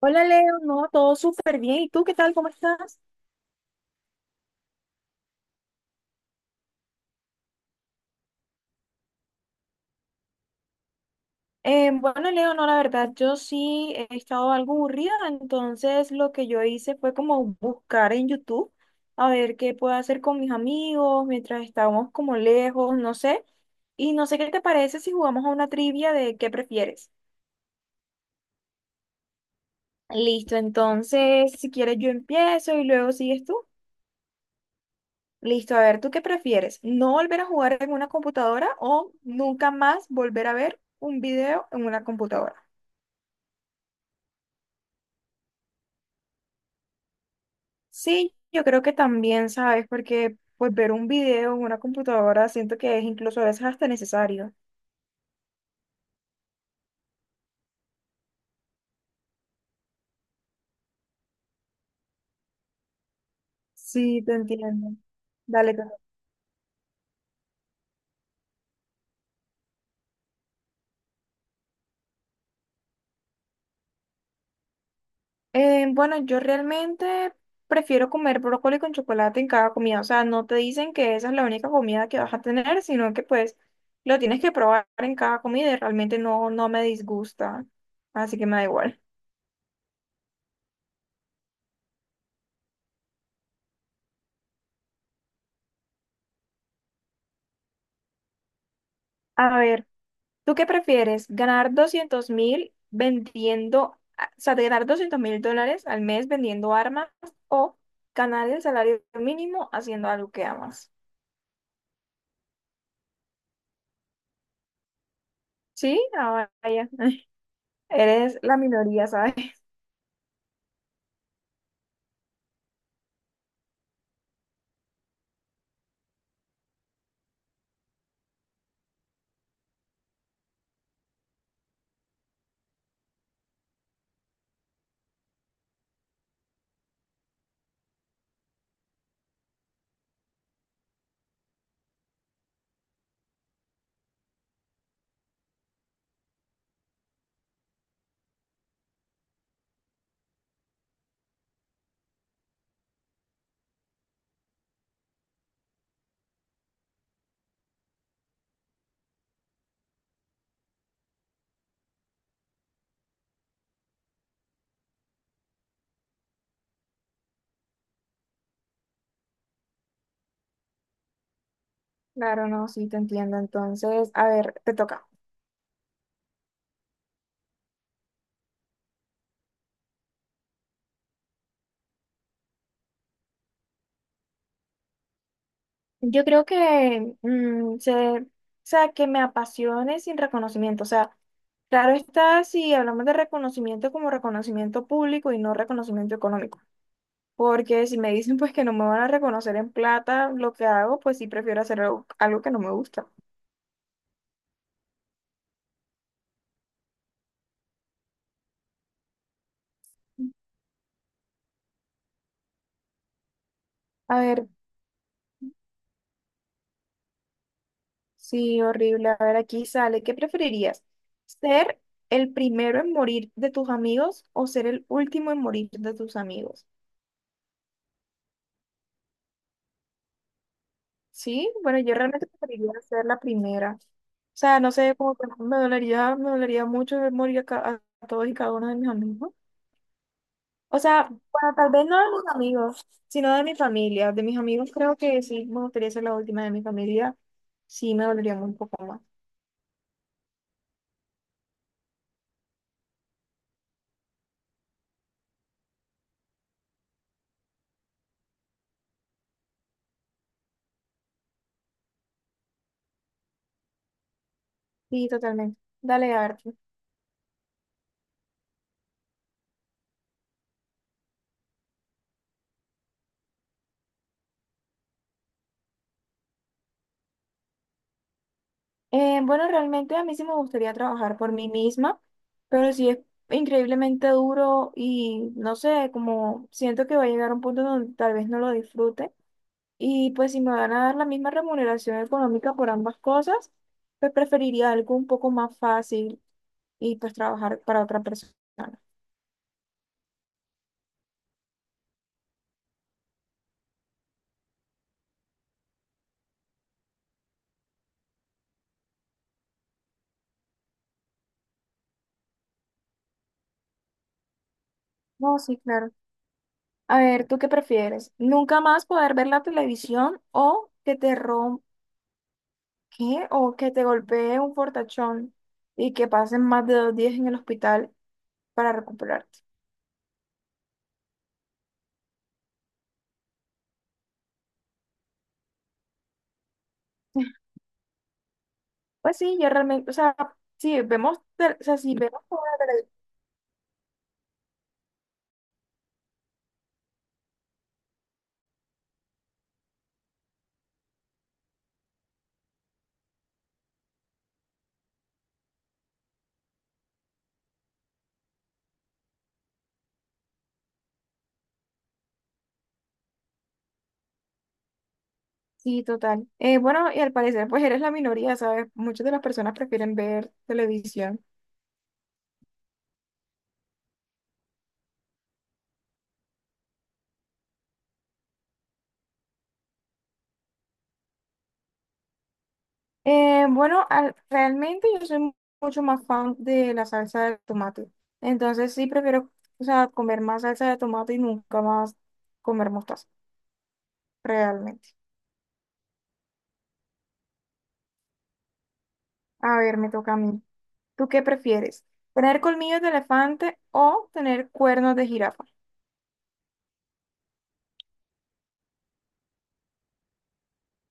Hola Leo, no, todo súper bien. ¿Y tú qué tal? ¿Cómo estás? Bueno, Leo, no, la verdad, yo sí he estado algo aburrida, entonces lo que yo hice fue como buscar en YouTube a ver qué puedo hacer con mis amigos mientras estábamos como lejos, no sé. Y no sé qué te parece si jugamos a una trivia de qué prefieres. Listo, entonces si quieres yo empiezo y luego sigues tú. Listo, a ver, ¿tú qué prefieres? ¿No volver a jugar en una computadora o nunca más volver a ver un video en una computadora? Sí, yo creo que también, ¿sabes? Porque pues ver un video en una computadora siento que es incluso a veces hasta necesario. Sí, te entiendo. Dale. Bueno, yo realmente prefiero comer brócoli con chocolate en cada comida. O sea, no te dicen que esa es la única comida que vas a tener, sino que pues lo tienes que probar en cada comida y realmente no, no me disgusta. Así que me da igual. A ver, ¿tú qué prefieres? ¿Ganar 200.000 vendiendo, o sea, de ganar $200.000 al mes vendiendo armas o ganar el salario mínimo haciendo algo que amas? Sí, ah, vaya. Eres la minoría, ¿sabes? Claro, no, sí te entiendo. Entonces, a ver, te toca. Yo creo que o sea, que me apasione sin reconocimiento. O sea, claro está si hablamos de reconocimiento como reconocimiento público y no reconocimiento económico. Porque si me dicen pues que no me van a reconocer en plata lo que hago, pues sí prefiero hacer algo que no me gusta. A ver, sí, horrible. A ver, aquí sale. ¿Qué preferirías? ¿Ser el primero en morir de tus amigos o ser el último en morir de tus amigos? Sí, bueno, yo realmente preferiría ser la primera. O sea, no sé, como que me dolería mucho ver morir a todos y cada uno de mis amigos. O sea, bueno, tal vez no de mis amigos, sino de mi familia. De mis amigos creo que sí me gustaría ser la última de mi familia. Sí, me dolería un poco más. Sí, totalmente. Dale, a ver. Tú. Bueno, realmente a mí sí me gustaría trabajar por mí misma, pero sí es increíblemente duro y no sé, como siento que va a llegar un punto donde tal vez no lo disfrute. Y pues si me van a dar la misma remuneración económica por ambas cosas, pues preferiría algo un poco más fácil y pues trabajar para otra persona. No, sí, claro. A ver, ¿tú qué prefieres? ¿Nunca más poder ver la televisión o que te rom ¿qué? O que te golpee un fortachón y que pasen más de 2 días en el hospital para recuperarte? Pues sí, yo realmente, o sea, si vemos toda la. Sí, total. Bueno, y al parecer, pues eres la minoría, ¿sabes? Muchas de las personas prefieren ver televisión. Bueno, realmente yo soy mucho más fan de la salsa de tomate. Entonces sí prefiero, o sea, comer más salsa de tomate y nunca más comer mostaza, realmente. A ver, me toca a mí. ¿Tú qué prefieres? ¿Tener colmillos de elefante o tener cuernos de jirafa?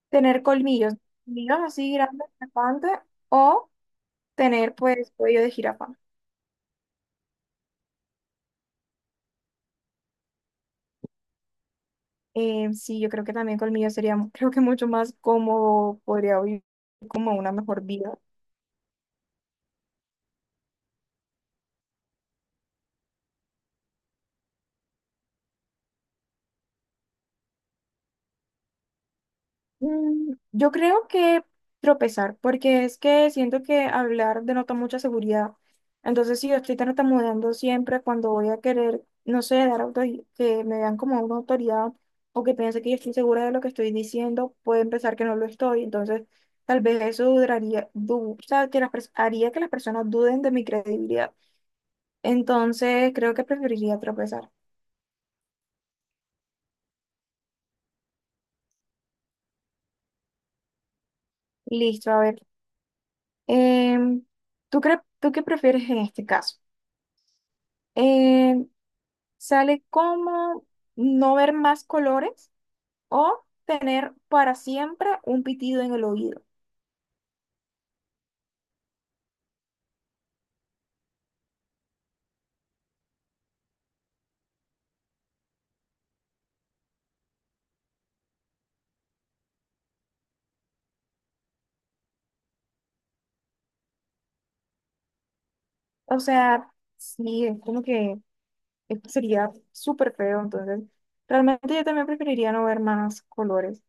Tener colmillos así grandes de elefante o tener, pues, cuello de jirafa. Sí, yo creo que también conmigo sería, creo que mucho más cómodo, podría vivir como una mejor vida. Yo creo que tropezar, porque es que siento que hablar denota mucha seguridad. Entonces, si yo estoy tartamudeando siempre cuando voy a querer, no sé, dar que me vean como una autoridad o que piense que yo estoy segura de lo que estoy diciendo, puede pensar que no lo estoy. Entonces, tal vez eso duraría, o sea, haría que las personas duden de mi credibilidad. Entonces, creo que preferiría tropezar. Listo, a ver. Em, ¿tú qué prefieres en este caso? Em, ¿Sale como no ver más colores o tener para siempre un pitido en el oído? O sea, sí, es como que esto sería súper feo. Entonces, realmente yo también preferiría no ver más colores.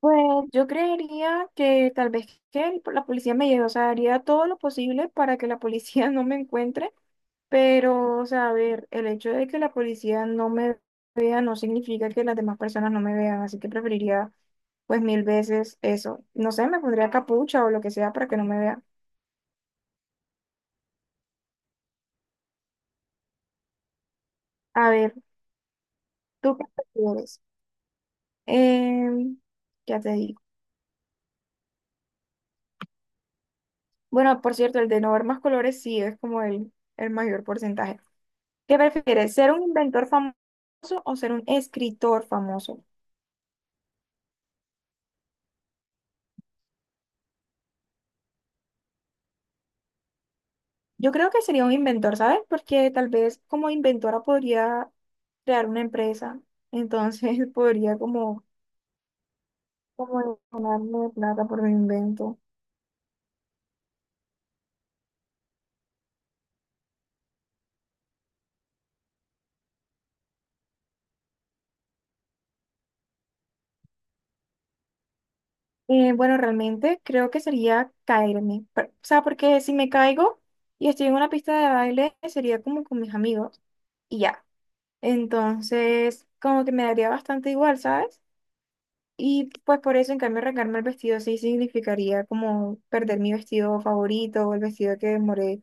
Pues yo creería que tal vez que la policía me lleve, o sea, haría todo lo posible para que la policía no me encuentre, pero, o sea, a ver, el hecho de que la policía no me vea no significa que las demás personas no me vean, así que preferiría pues mil veces eso. No sé, me pondría capucha o lo que sea para que no me vean. A ver, ¿tú qué prefieres? Em, ya te digo. Bueno, por cierto, el de no ver más colores sí es como el mayor porcentaje. ¿Qué prefieres, ser un inventor famoso o ser un escritor famoso? Yo creo que sería un inventor, ¿sabes? Porque tal vez como inventora podría crear una empresa, entonces podría como ganarme plata por mi invento. Bueno, realmente creo que sería caerme, o sea, porque si me caigo y estoy en una pista de baile, sería como con mis amigos y ya. Entonces, como que me daría bastante igual, ¿sabes? Y pues por eso, en cambio, arrancarme el vestido sí significaría como perder mi vestido favorito o el vestido que demoré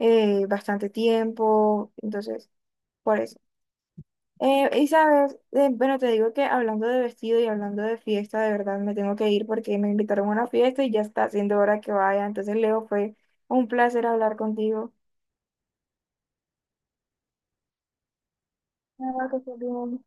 bastante tiempo. Entonces, por eso. Y sabes, bueno, te digo que hablando de vestido y hablando de fiesta, de verdad me tengo que ir porque me invitaron a una fiesta y ya está siendo hora que vaya. Entonces, Leo, fue un placer hablar contigo. Ah, que estés bien.